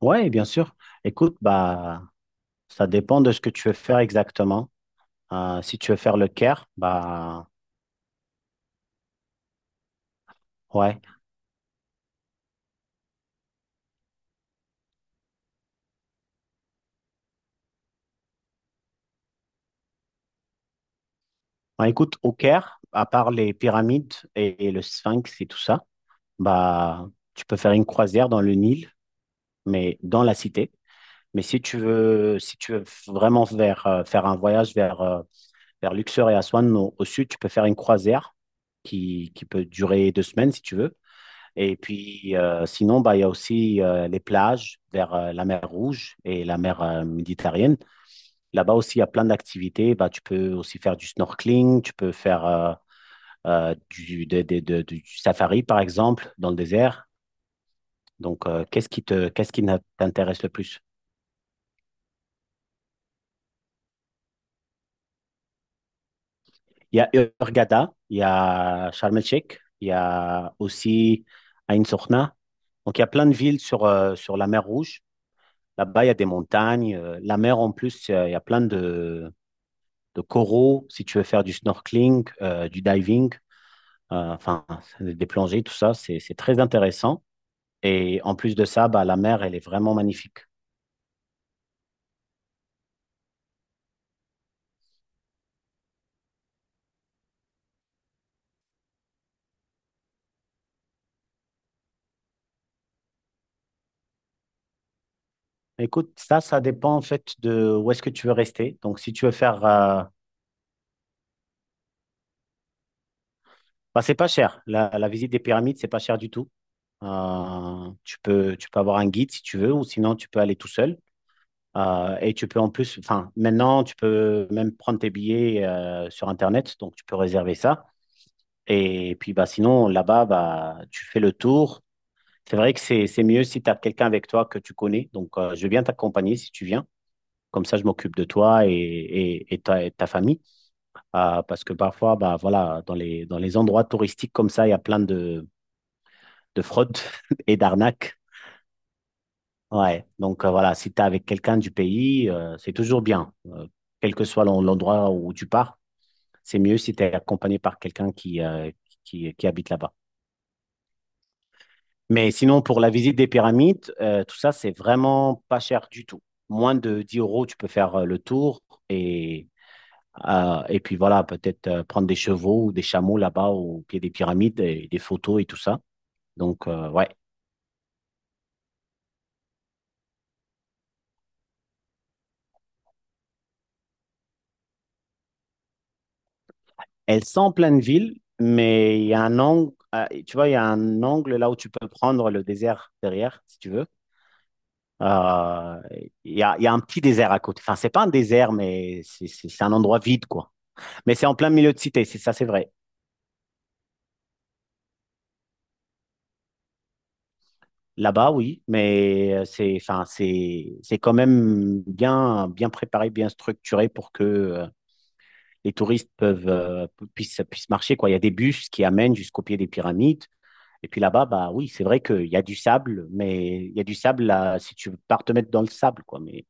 Ouais, bien sûr. Écoute, bah, ça dépend de ce que tu veux faire exactement. Si tu veux faire le Caire, bah, ouais. Bah, écoute, au Caire, à part les pyramides et le Sphinx et tout ça, bah, tu peux faire une croisière dans le Nil, mais dans la cité. Mais si tu veux, si tu veux vraiment vers, faire un voyage vers Luxor et Aswan au sud, tu peux faire une croisière qui peut durer 2 semaines si tu veux. Et puis, sinon, bah, il y a aussi les plages vers la mer Rouge et la mer Méditerranée. Là-bas aussi, il y a plein d'activités. Bah, tu peux aussi faire du snorkeling, tu peux faire du, des- de- du safari, par exemple, dans le désert. Donc, qu'est-ce qui t'intéresse le plus? Il y a Hurghada, il y a Sharm el-Sheikh, il y a aussi Ain Sokhna. Donc, il y a plein de villes sur la mer Rouge. Là-bas, il y a des montagnes. La mer, en plus, il y a plein de coraux, si tu veux faire du snorkeling, du diving, enfin des plongées, tout ça, c'est très intéressant. Et en plus de ça, bah, la mer, elle est vraiment magnifique. Écoute, ça dépend en fait de où est-ce que tu veux rester. Donc, si tu veux faire, bah, c'est pas cher. La visite des pyramides, c'est pas cher du tout. Tu peux avoir un guide si tu veux, ou sinon tu peux aller tout seul. Et tu peux en plus, enfin, maintenant, tu peux même prendre tes billets sur Internet, donc tu peux réserver ça. Et puis bah sinon là-bas bah tu fais le tour. C'est vrai que c'est mieux si tu as quelqu'un avec toi que tu connais. Donc je vais bien t'accompagner si tu viens. Comme ça je m'occupe de toi et ta famille. Parce que parfois bah voilà dans les endroits touristiques comme ça il y a plein de fraudes et d'arnaques. Ouais. Donc voilà, si tu es avec quelqu'un du pays, c'est toujours bien. Quel que soit l'endroit où tu pars, c'est mieux si tu es accompagné par quelqu'un qui habite là-bas. Mais sinon, pour la visite des pyramides, tout ça, c'est vraiment pas cher du tout. Moins de 10 euros, tu peux faire le tour et, et puis voilà, peut-être prendre des chevaux ou des chameaux là-bas au pied des pyramides et des photos et tout ça. Donc, ouais. Elles sont en pleine ville, mais il y a un angle, tu vois, il y a un angle là où tu peux prendre le désert derrière, si tu veux. Euh, il y a un petit désert à côté. Enfin, c'est pas un désert, mais c'est un endroit vide, quoi. Mais c'est en plein milieu de cité, c'est ça, c'est vrai. Là-bas, oui, mais c'est, enfin, c'est quand même bien, bien préparé, bien structuré pour que les touristes peuvent, puissent marcher, quoi. Il y a des bus qui amènent jusqu'au pied des pyramides. Et puis là-bas, bah oui, c'est vrai qu'il y a du sable, mais il y a du sable là, si tu pars te mettre dans le sable, quoi. Mais,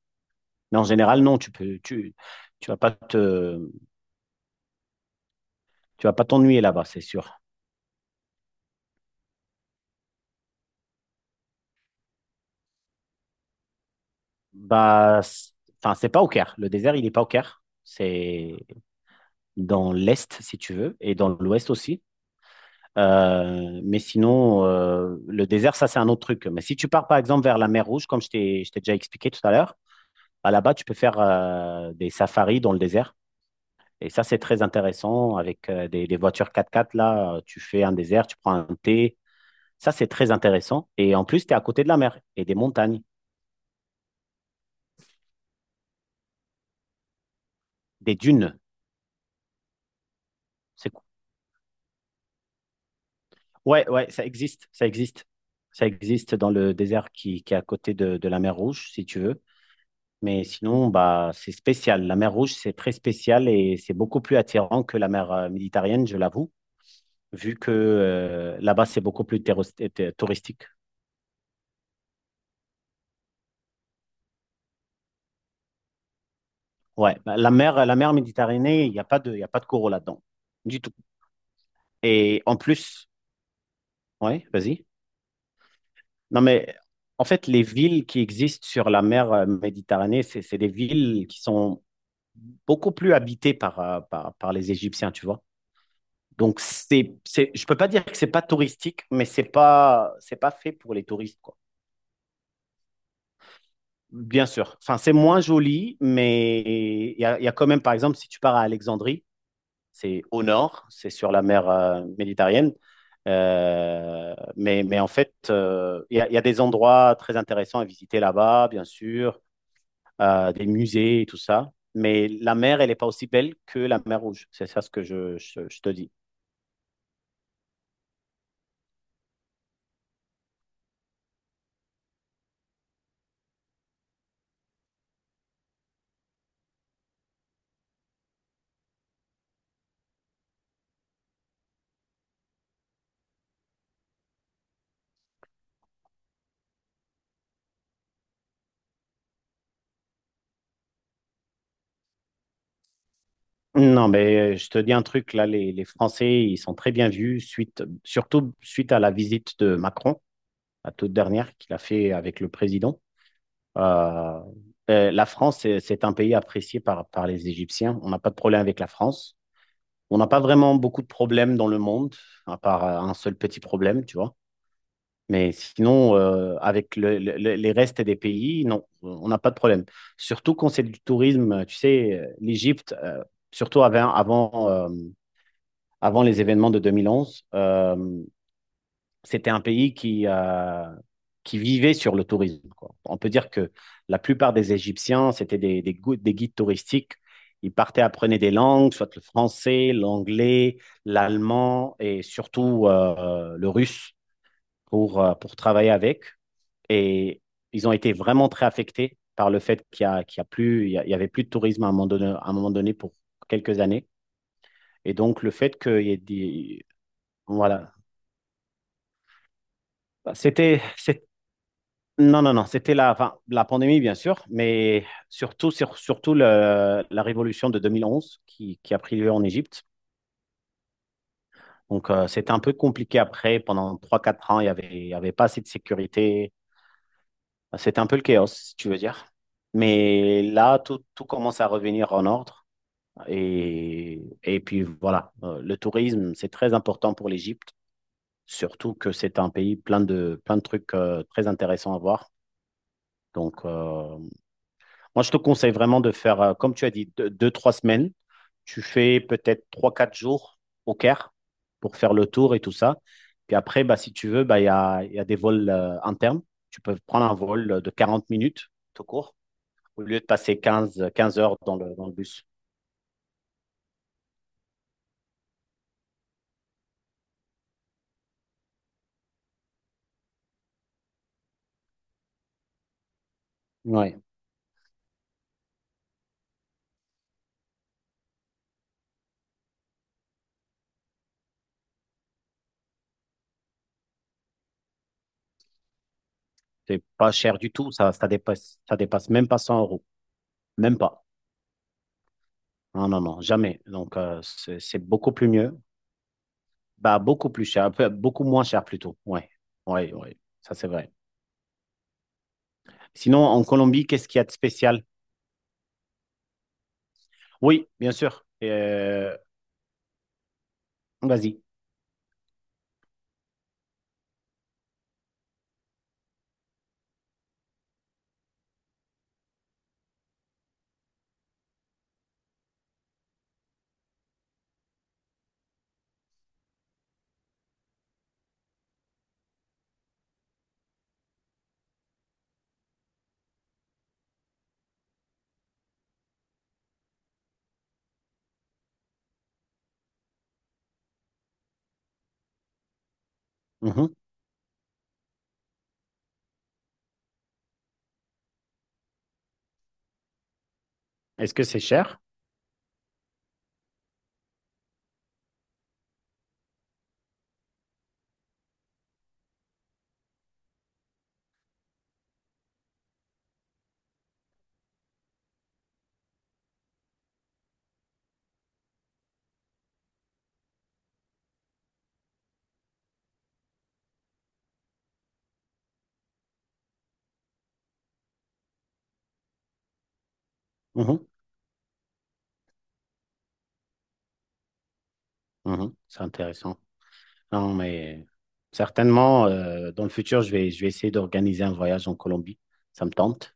mais en général, non, tu peux, tu vas pas te, tu vas pas t'ennuyer là-bas, c'est sûr. Bah, enfin, c'est pas au Caire. Le désert, il n'est pas au Caire. C'est dans l'est, si tu veux, et dans l'ouest aussi. Mais sinon, le désert, ça, c'est un autre truc. Mais si tu pars, par exemple, vers la mer Rouge, comme je t'ai déjà expliqué tout à l'heure, bah, là-bas, tu peux faire des safaris dans le désert. Et ça, c'est très intéressant. Avec des voitures quatre-quatre. Là, tu fais un désert, tu prends un thé. Ça, c'est très intéressant. Et en plus, tu es à côté de la mer et des montagnes, des dunes. C'est cool. Ouais, ouais, ça existe. Ça existe. Ça existe dans le désert qui est à côté de la mer Rouge, si tu veux. Mais sinon, bah, c'est spécial. La mer Rouge, c'est très spécial et c'est beaucoup plus attirant que la mer Méditerranée, je l'avoue, vu que là-bas, c'est beaucoup plus touristique. Ouais, bah, la mer Méditerranée, il n'y a pas de, il y a pas de coraux là-dedans, du tout. Et en plus, ouais, vas-y. Non, mais en fait, les villes qui existent sur la mer Méditerranée, c'est des villes qui sont beaucoup plus habitées par les Égyptiens, tu vois. Donc, je ne peux pas dire que ce n'est pas touristique, mais ce n'est pas, c'est pas fait pour les touristes, quoi. Bien sûr. Enfin, c'est moins joli, mais il y a quand même, par exemple, si tu pars à Alexandrie, c'est au nord, c'est sur la mer méditerranéenne. Mais en fait, il y a des endroits très intéressants à visiter là-bas, bien sûr, des musées et tout ça. Mais la mer, elle n'est pas aussi belle que la mer Rouge. C'est ça ce que je te dis. Non, mais je te dis un truc, là, les Français, ils sont très bien vus, suite, surtout suite à la visite de Macron, la toute dernière qu'il a fait avec le président. Euh, la France, c'est un pays apprécié par les Égyptiens. On n'a pas de problème avec la France. On n'a pas vraiment beaucoup de problèmes dans le monde, à part un seul petit problème, tu vois. Mais sinon, avec les restes des pays, non, on n'a pas de problème. Surtout quand c'est du tourisme, tu sais, l'Égypte, surtout avant les événements de 2011, c'était un pays qui vivait sur le tourisme, quoi. On peut dire que la plupart des Égyptiens, c'était des guides touristiques. Ils partaient, apprenaient des langues, soit le français, l'anglais, l'allemand et surtout le russe pour travailler avec. Et ils ont été vraiment très affectés par le fait qu'il y a plus, il y a- il y avait plus de tourisme à un moment donné, à un moment donné pour quelques années. Et donc, le fait qu'il y ait des, voilà, C'était, c'est- non, non, non, c'était enfin, la pandémie, bien sûr, mais surtout, surtout la révolution de 2011 qui a pris lieu en Égypte. Donc, c'était un peu compliqué après. Pendant trois quatre ans, il n'y avait, il y avait pas assez de sécurité. C'était un peu le chaos, si tu veux dire. Mais là, tout commence à revenir en ordre. Et puis, voilà, le tourisme, c'est très important pour l'Égypte, surtout que c'est un pays plein de trucs, très intéressants à voir. Donc, moi, je te conseille vraiment de faire, comme tu as dit, deux, trois semaines. Tu fais peut-être trois, quatre jours au Caire pour faire le tour et tout ça. Puis après, bah, si tu veux, bah, il y a des vols internes. Tu peux prendre un vol de 40 minutes tout court au lieu de passer quinze heures dans le bus. Ouais, c'est pas cher du tout. Ça dépasse même pas 100 euros. Même pas. Non, non, non, jamais. Donc, c'est beaucoup plus mieux. Bah, beaucoup plus cher, beaucoup moins cher plutôt. Ouais, ouais, ouais. Ça, c'est vrai. Sinon, en Colombie, qu'est-ce qu'il y a de spécial? Oui, bien sûr. Vas-y. Mhm. Est-ce que c'est cher? Mhm. Mhm. C'est intéressant. Non, mais certainement, dans le futur, je vais essayer d'organiser un voyage en Colombie. Ça me tente.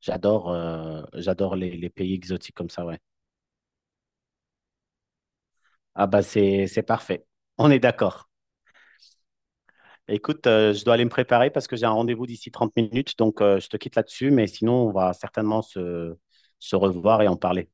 J'adore les pays exotiques comme ça, ouais. Ah bah c'est parfait. On est d'accord. Écoute, je dois aller me préparer parce que j'ai un rendez-vous d'ici 30 minutes, donc je te quitte là-dessus, mais sinon on va certainement se revoir et en parler.